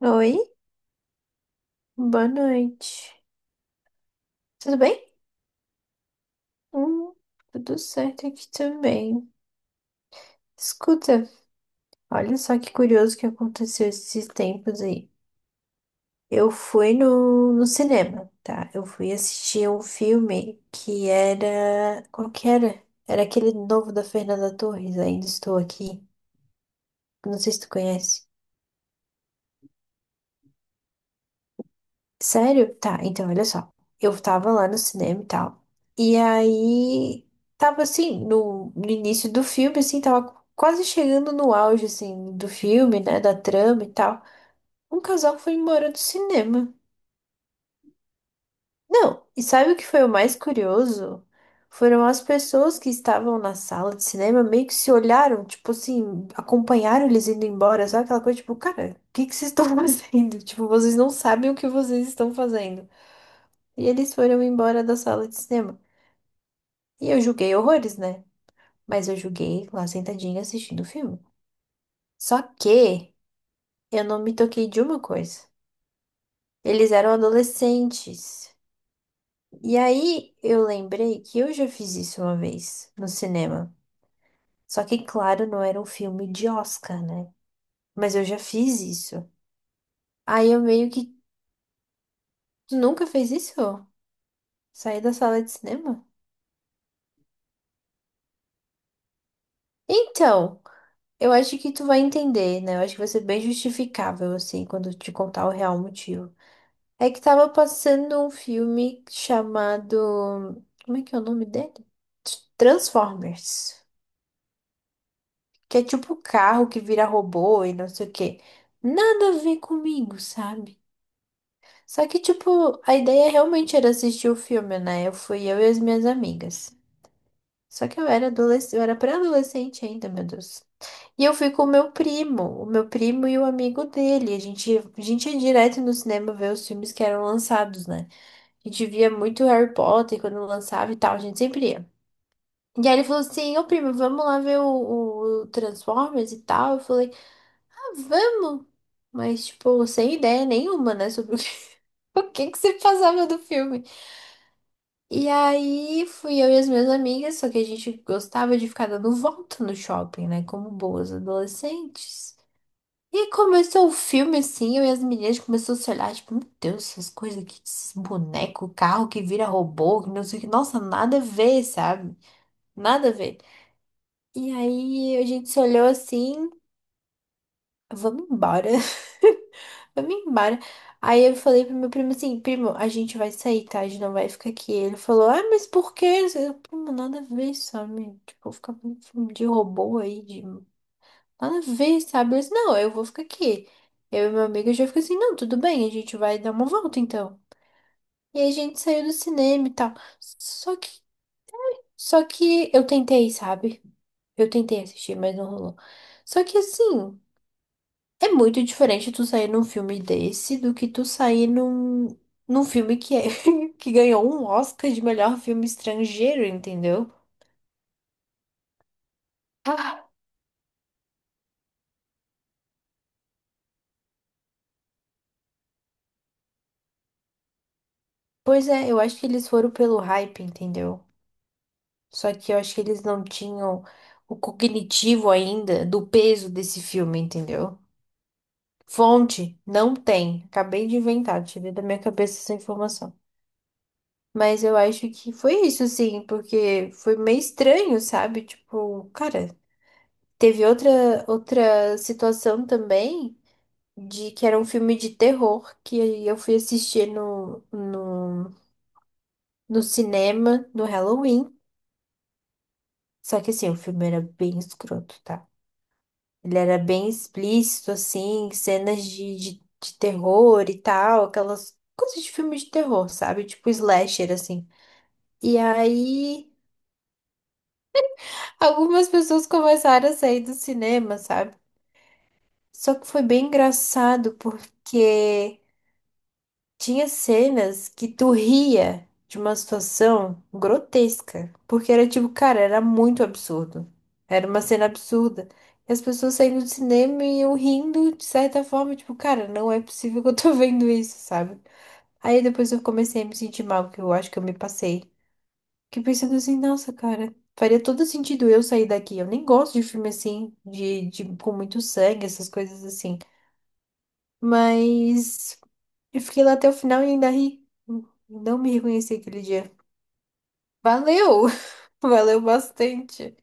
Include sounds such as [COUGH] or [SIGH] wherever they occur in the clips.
Oi, boa noite. Tudo bem? Hum, tudo certo aqui também. Escuta, olha só que curioso que aconteceu esses tempos aí. Eu fui no cinema, tá? Eu fui assistir um filme que era. Qual que era? Era aquele novo da Fernanda Torres, Ainda Estou Aqui. Não sei se tu conhece. Sério? Tá, então olha só. Eu tava lá no cinema e tal. E aí tava assim, no início do filme, assim, tava quase chegando no auge, assim, do filme, né? Da trama e tal. Um casal foi embora do cinema. Não, e sabe o que foi o mais curioso? Foram as pessoas que estavam na sala de cinema meio que se olharam, tipo assim, acompanharam eles indo embora, sabe aquela coisa, tipo, cara, o que que vocês estão [LAUGHS] fazendo? Tipo, vocês não sabem o que vocês estão fazendo. E eles foram embora da sala de cinema. E eu julguei horrores, né? Mas eu julguei lá sentadinha assistindo o filme. Só que eu não me toquei de uma coisa. Eles eram adolescentes. E aí eu lembrei que eu já fiz isso uma vez no cinema. Só que, claro, não era um filme de Oscar, né? Mas eu já fiz isso. Aí eu meio que. Tu nunca fez isso? Saí da sala de cinema? Então. Eu acho que tu vai entender, né? Eu acho que vai ser bem justificável, assim, quando eu te contar o real motivo. É que tava passando um filme chamado. Como é que é o nome dele? Transformers. Que é tipo carro que vira robô e não sei o quê. Nada a ver comigo, sabe? Só que, tipo, a ideia realmente era assistir o filme, né? Eu fui eu e as minhas amigas. Só que eu era adolescente, eu era pré-adolescente ainda, meu Deus. E eu fui com o meu primo e o amigo dele. A gente ia direto no cinema ver os filmes que eram lançados, né? A gente via muito Harry Potter quando lançava e tal, a gente sempre ia. E aí ele falou assim, ô primo, vamos lá ver o Transformers e tal. Eu falei, ah, vamos! Mas, tipo, sem ideia nenhuma, né, sobre o que, [LAUGHS] o que que se passava do filme. E aí fui eu e as minhas amigas, só que a gente gostava de ficar dando volta no shopping, né? Como boas adolescentes. E começou o filme assim, eu e as meninas começou a se olhar, tipo, meu Deus, essas coisas aqui, esses bonecos, carro que vira robô, que não sei o que, nossa, nada a ver, sabe? Nada a ver. E aí a gente se olhou assim, vamos embora. [LAUGHS] Vamos embora. Aí eu falei pro meu primo assim, primo, a gente vai sair, tá? A gente não vai ficar aqui. Ele falou, ah, mas por quê? Eu, primo, nada a ver, sabe? Tipo, ficar com filme de robô aí, de Nada a ver, sabe? Eu disse, não, eu vou ficar aqui. Eu e meu amigo já fica assim, não, tudo bem, a gente vai dar uma volta então. E aí a gente saiu do cinema e tal. Só que, só que eu tentei, sabe? Eu tentei assistir, mas não rolou. Só que assim, é muito diferente tu sair num filme desse do que tu sair num filme que, é, [LAUGHS] que ganhou um Oscar de melhor filme estrangeiro, entendeu? Ah, pois é, eu acho que eles foram pelo hype, entendeu? Só que eu acho que eles não tinham o cognitivo ainda do peso desse filme, entendeu? Fonte, não tem. Acabei de inventar, tirei da minha cabeça essa informação. Mas eu acho que foi isso, sim, porque foi meio estranho, sabe? Tipo, cara, teve outra situação também de que era um filme de terror que eu fui assistir no cinema no Halloween. Só que assim, o filme era bem escroto, tá? Ele era bem explícito, assim, cenas de terror e tal, aquelas coisas de filme de terror, sabe? Tipo slasher, assim. E aí, algumas pessoas começaram a sair do cinema, sabe? Só que foi bem engraçado porque. Tinha cenas que tu ria de uma situação grotesca, porque era tipo, cara, era muito absurdo. Era uma cena absurda. E as pessoas saindo do cinema e eu rindo de certa forma, tipo, cara, não é possível que eu tô [LAUGHS] vendo isso, sabe? Aí depois eu comecei a me sentir mal, que eu acho que eu me passei. Fiquei pensando assim, nossa, cara, faria todo sentido eu sair daqui. Eu nem gosto de filme assim, de com muito sangue, essas coisas assim. Mas. Eu fiquei lá até o final e ainda ri. Não me reconheci aquele dia. Valeu! [LAUGHS] Valeu bastante.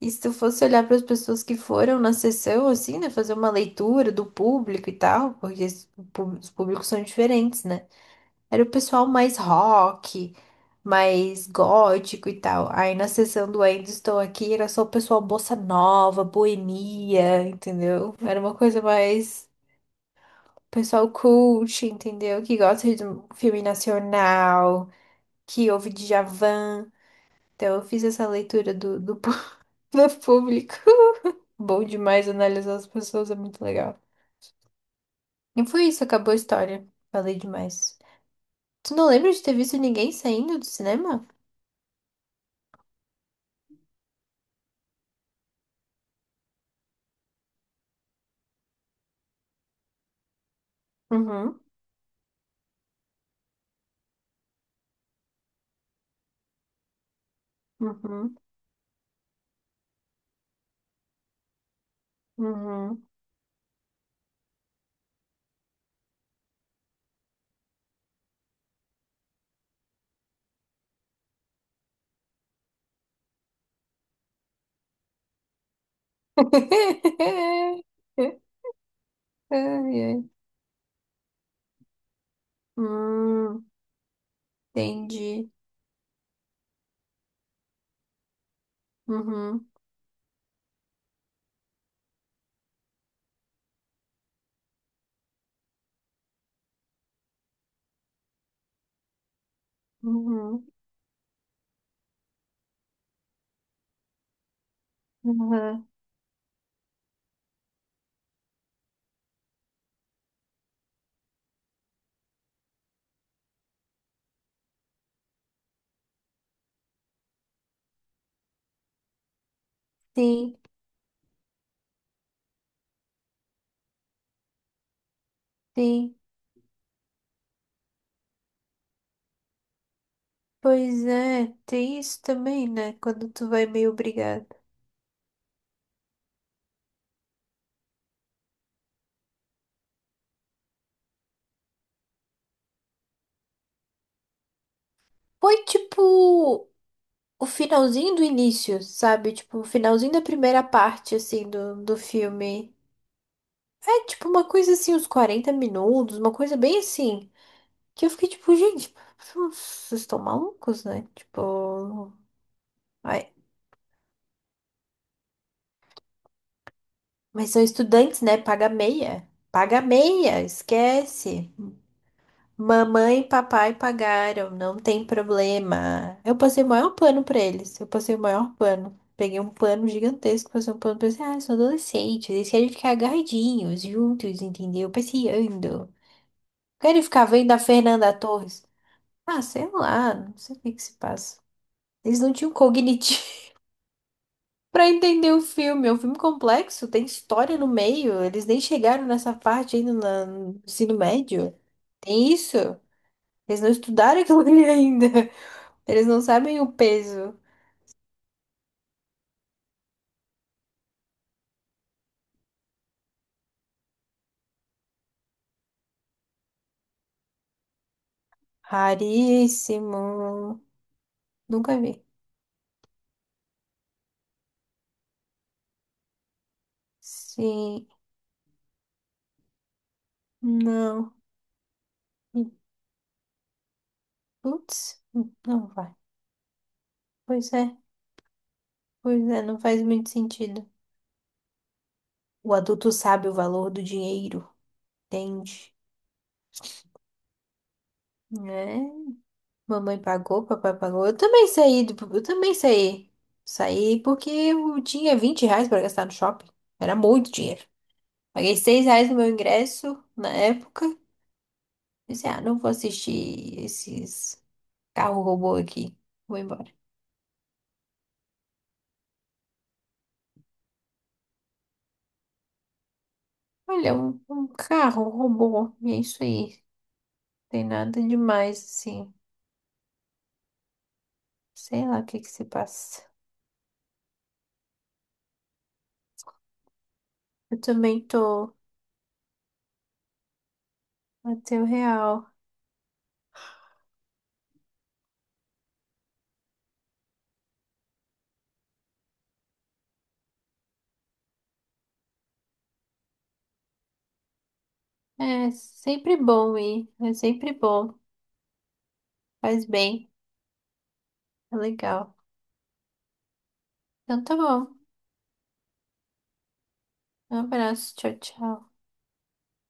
E se tu fosse olhar para as pessoas que foram na sessão, assim, né? Fazer uma leitura do público e tal, porque os pú- os públicos são diferentes, né? Era o pessoal mais rock, mais gótico e tal. Aí na sessão do Ainda Estou Aqui era só o pessoal bossa nova, boemia, entendeu? Era uma coisa mais. Pessoal cult, entendeu? Que gosta de um filme nacional. Que houve Djavan. Então eu fiz essa leitura pú- [LAUGHS] do público. Bom demais analisar as pessoas, é muito legal. E foi isso, acabou a história. Falei demais. Tu não lembra de ter visto ninguém saindo do cinema? Uhum, uhum, uhum. [LAUGHS] Ai, ai. Hum, entendi. Uhum, uhum, uhum. Sim, sim. Pois é, tem isso também, né? Quando tu vai meio obrigado. Foi tipo. O finalzinho do início, sabe? Tipo, o finalzinho da primeira parte, assim, do filme. É tipo uma coisa assim, uns 40 minutos, uma coisa bem assim. Que eu fiquei tipo, gente, vocês estão malucos, né? Tipo, ai, mas são estudantes, né? Paga meia. Paga meia, esquece. Mamãe e papai pagaram, não tem problema. Eu passei o maior pano pra eles. Eu passei o maior pano. Peguei um pano gigantesco, passei um pano pra eles. Ah, são adolescentes, eles querem ficar agarradinhos, juntos, entendeu? Passeando. Querem ficar vendo a Fernanda Torres. Ah, sei lá, não sei o que que se passa. Eles não tinham cognitivo [LAUGHS] pra entender o filme. É um filme complexo, tem história no meio. Eles nem chegaram nessa parte ainda na- no ensino médio. Tem isso. Eles não estudaram [LAUGHS] aquilo ali ainda. Eles não sabem o peso. Raríssimo. Nunca vi. Sim. Não. E, putz, não vai. Pois é, pois é, não faz muito sentido. O adulto sabe o valor do dinheiro, entende? Né? Mamãe pagou, papai pagou. Eu também saí, do- eu também saí. Saí porque eu tinha R$ 20 para gastar no shopping. Era muito dinheiro. Paguei R$ 6 no meu ingresso na época. Pensei, ah, não vou assistir esses carro robô aqui. Vou embora. Olha, um carro robô. E é isso aí. Tem nada demais, assim. Sei lá o que que se passa. Eu também tô. Até real. É sempre bom ir. É sempre bom. Faz bem. É legal. Então tá bom. Um abraço. Tchau, tchau.